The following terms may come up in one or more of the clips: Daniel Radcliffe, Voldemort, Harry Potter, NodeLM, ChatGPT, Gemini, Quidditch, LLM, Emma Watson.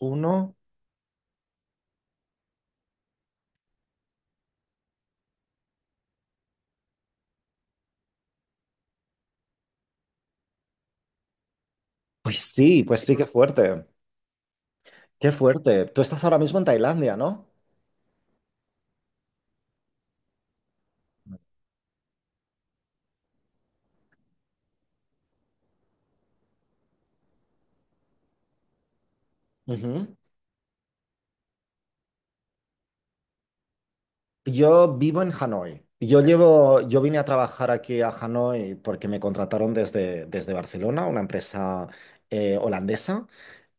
Uno. Pues sí, qué fuerte. Qué fuerte. Tú estás ahora mismo en Tailandia, ¿no? Ujú. Yo vivo en Hanoi. Yo vine a trabajar aquí a Hanoi porque me contrataron desde Barcelona, una empresa holandesa,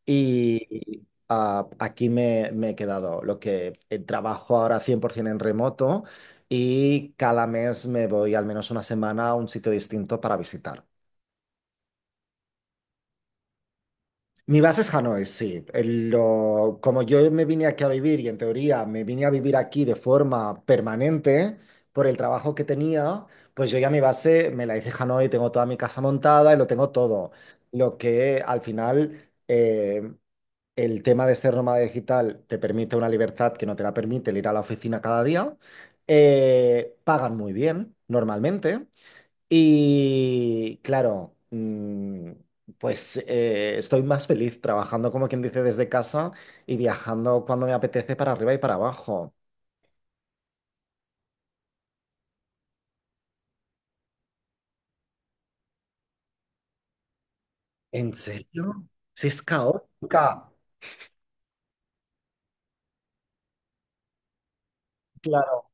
y aquí me he quedado. Lo que trabajo ahora 100% en remoto y cada mes me voy al menos una semana a un sitio distinto para visitar. Mi base es Hanoi, sí. Como yo me vine aquí a vivir y en teoría me vine a vivir aquí de forma permanente por el trabajo que tenía, pues yo ya mi base me la hice en Hanoi, tengo toda mi casa montada y lo tengo todo. Lo que al final el tema de ser nómada digital te permite una libertad que no te la permite el ir a la oficina cada día. Pagan muy bien normalmente. Y claro, pues estoy más feliz trabajando, como quien dice, desde casa y viajando cuando me apetece para arriba y para abajo. ¿En serio? Si es caótica. Claro.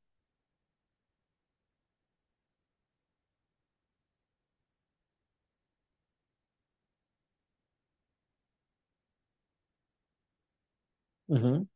Ujú.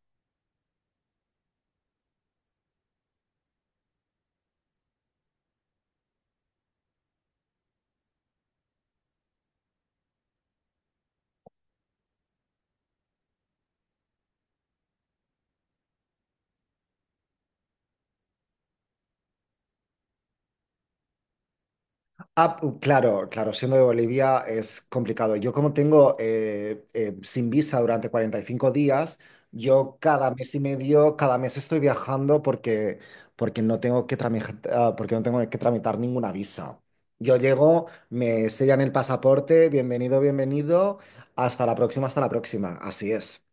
Ah, claro, claro, siendo de Bolivia es complicado. Yo como tengo sin visa durante 45 días, yo cada mes y medio, cada mes estoy viajando porque no tengo que porque no tengo que tramitar ninguna visa. Yo llego, me sellan el pasaporte, bienvenido, bienvenido, hasta la próxima, hasta la próxima. Así es.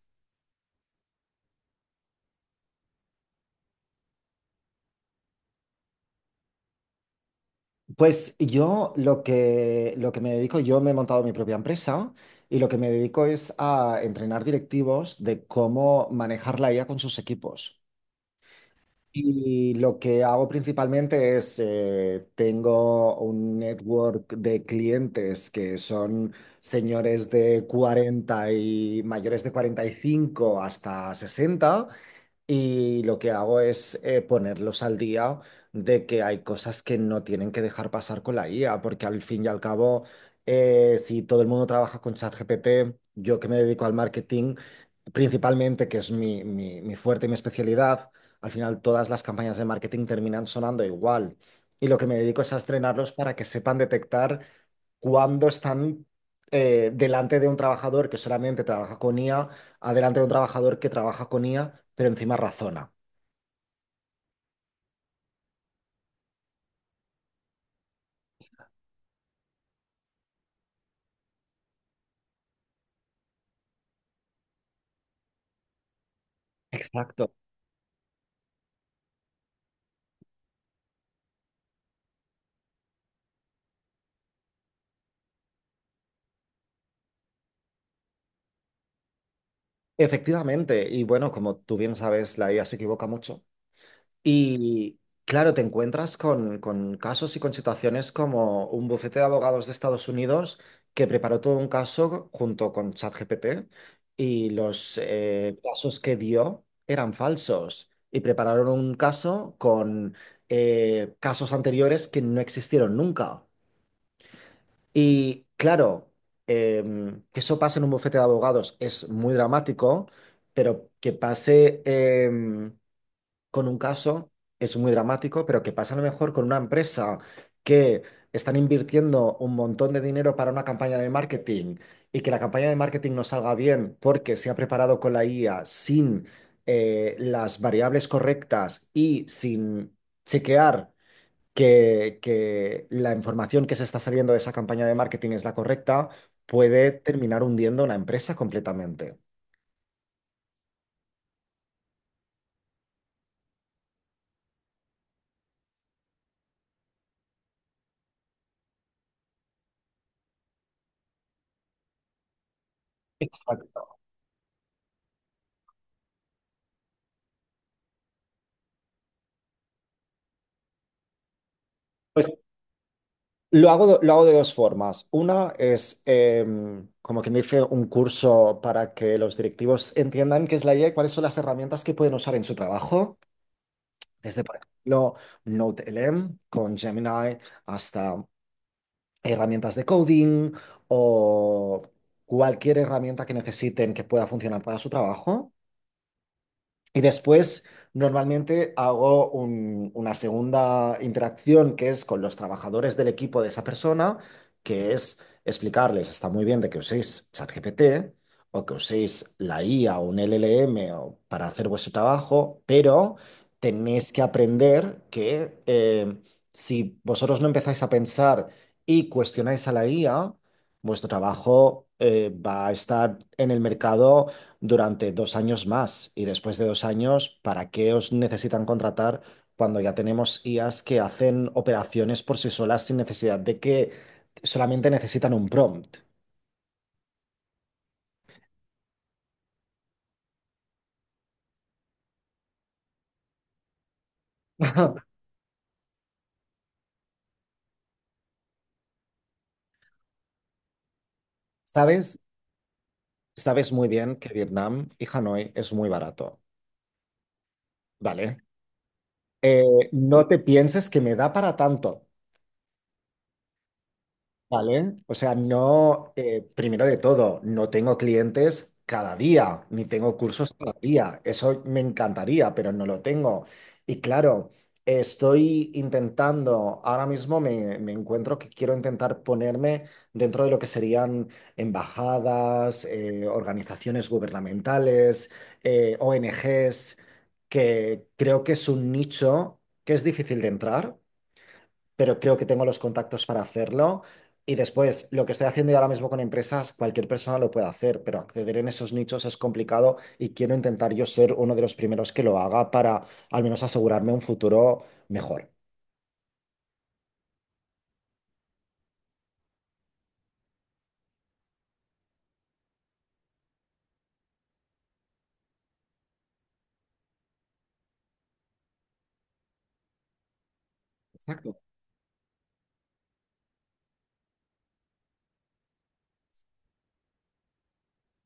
Pues lo que me dedico, yo me he montado mi propia empresa y lo que me dedico es a entrenar directivos de cómo manejar la IA con sus equipos. Y lo que hago principalmente es, tengo un network de clientes que son señores de 40 y mayores de 45 hasta 60 y lo que hago es ponerlos al día de que hay cosas que no tienen que dejar pasar con la IA, porque al fin y al cabo, si todo el mundo trabaja con ChatGPT, yo que me dedico al marketing, principalmente, que es mi fuerte y mi especialidad, al final todas las campañas de marketing terminan sonando igual. Y lo que me dedico es a estrenarlos para que sepan detectar cuando están delante de un trabajador que solamente trabaja con IA, a delante de un trabajador que trabaja con IA, pero encima razona. Exacto. Efectivamente, y bueno, como tú bien sabes, la IA se equivoca mucho. Y claro, te encuentras con casos y con situaciones como un bufete de abogados de Estados Unidos que preparó todo un caso junto con ChatGPT y los casos que dio eran falsos y prepararon un caso con casos anteriores que no existieron nunca. Y claro, que eso pase en un bufete de abogados es muy dramático, pero que con un caso, es muy dramático, pero que pasa a lo mejor con una empresa que están invirtiendo un montón de dinero para una campaña de marketing y que la campaña de marketing no salga bien porque se ha preparado con la IA sin las variables correctas y sin chequear que la información que se está saliendo de esa campaña de marketing es la correcta, puede terminar hundiendo una empresa completamente. Exacto. Pues lo hago, lo hago de dos formas. Una es, como quien dice, un curso para que los directivos entiendan qué es la IA y cuáles son las herramientas que pueden usar en su trabajo, desde, por ejemplo, NodeLM con Gemini hasta herramientas de coding o cualquier herramienta que necesiten que pueda funcionar para su trabajo. Y después, normalmente hago una segunda interacción que es con los trabajadores del equipo de esa persona, que es explicarles, está muy bien de que uséis ChatGPT o que uséis la IA o un LLM para hacer vuestro trabajo, pero tenéis que aprender que si vosotros no empezáis a pensar y cuestionáis a la IA, vuestro trabajo va a estar en el mercado durante 2 años más. Y después de 2 años, ¿para qué os necesitan contratar cuando ya tenemos IAs que hacen operaciones por sí solas sin necesidad de que solamente necesitan un prompt? ¿Sabes? Sabes muy bien que Vietnam y Hanoi es muy barato, ¿vale? No te pienses que me da para tanto. Vale, o sea, no, primero de todo, no tengo clientes cada día, ni tengo cursos cada día. Eso me encantaría, pero no lo tengo. Y claro, estoy intentando, ahora mismo me encuentro que quiero intentar ponerme dentro de lo que serían embajadas, organizaciones gubernamentales, ONGs, que creo que es un nicho que es difícil de entrar pero creo que tengo los contactos para hacerlo. Y después, lo que estoy haciendo yo ahora mismo con empresas, cualquier persona lo puede hacer, pero acceder en esos nichos es complicado y quiero intentar yo ser uno de los primeros que lo haga para al menos asegurarme un futuro mejor. Exacto.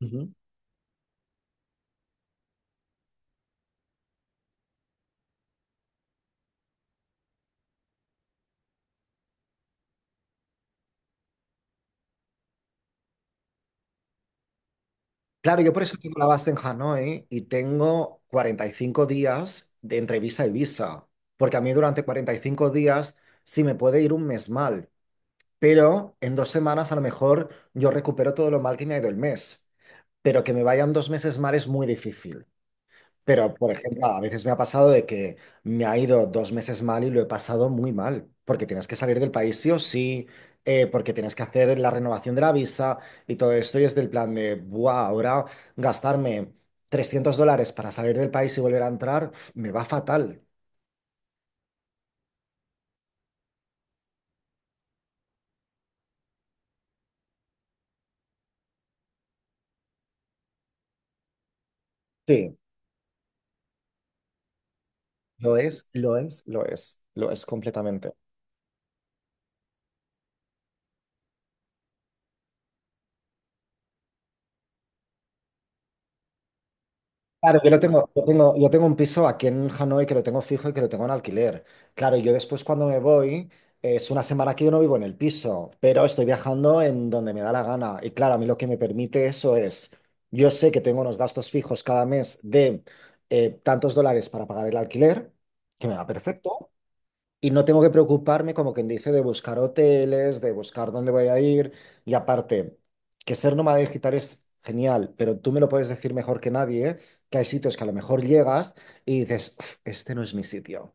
Ujú. Claro, yo por eso tengo la base en Hanoi y tengo 45 días de entre visa y visa, porque a mí durante 45 días, si me puede ir un mes mal, pero en 2 semanas a lo mejor yo recupero todo lo mal que me ha ido el mes, pero que me vayan 2 meses mal es muy difícil. Pero, por ejemplo, a veces me ha pasado de que me ha ido 2 meses mal y lo he pasado muy mal, porque tienes que salir del país sí o sí, porque tienes que hacer la renovación de la visa y todo esto, y es del plan de, ¡buah! Ahora gastarme $300 para salir del país y volver a entrar, uf, me va fatal. Sí, lo es completamente. Claro, yo lo tengo, yo tengo un piso aquí en Hanoi que lo tengo fijo y que lo tengo en alquiler. Claro, yo después cuando me voy, es una semana que yo no vivo en el piso, pero estoy viajando en donde me da la gana. Y claro, a mí lo que me permite eso es, yo sé que tengo unos gastos fijos cada mes de tantos dólares para pagar el alquiler, que me va perfecto, y no tengo que preocuparme, como quien dice, de buscar hoteles, de buscar dónde voy a ir. Y aparte, que ser nómada digital es genial, pero tú me lo puedes decir mejor que nadie, ¿eh? Que hay sitios que a lo mejor llegas y dices, "Uf, este no es mi sitio.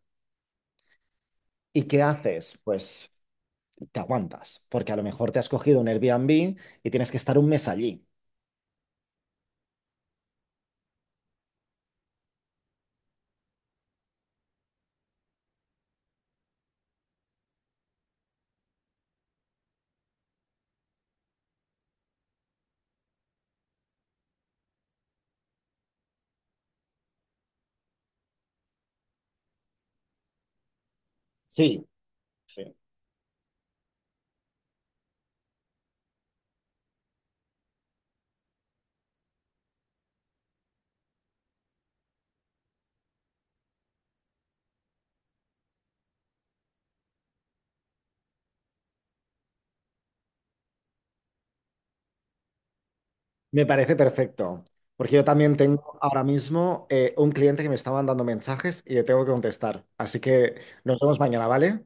¿Y qué haces? Pues te aguantas, porque a lo mejor te has cogido un Airbnb y tienes que estar un mes allí. Sí, sí. Me parece perfecto, porque yo también tengo ahora mismo un cliente que me está mandando mensajes y le tengo que contestar. Así que nos vemos mañana, ¿vale?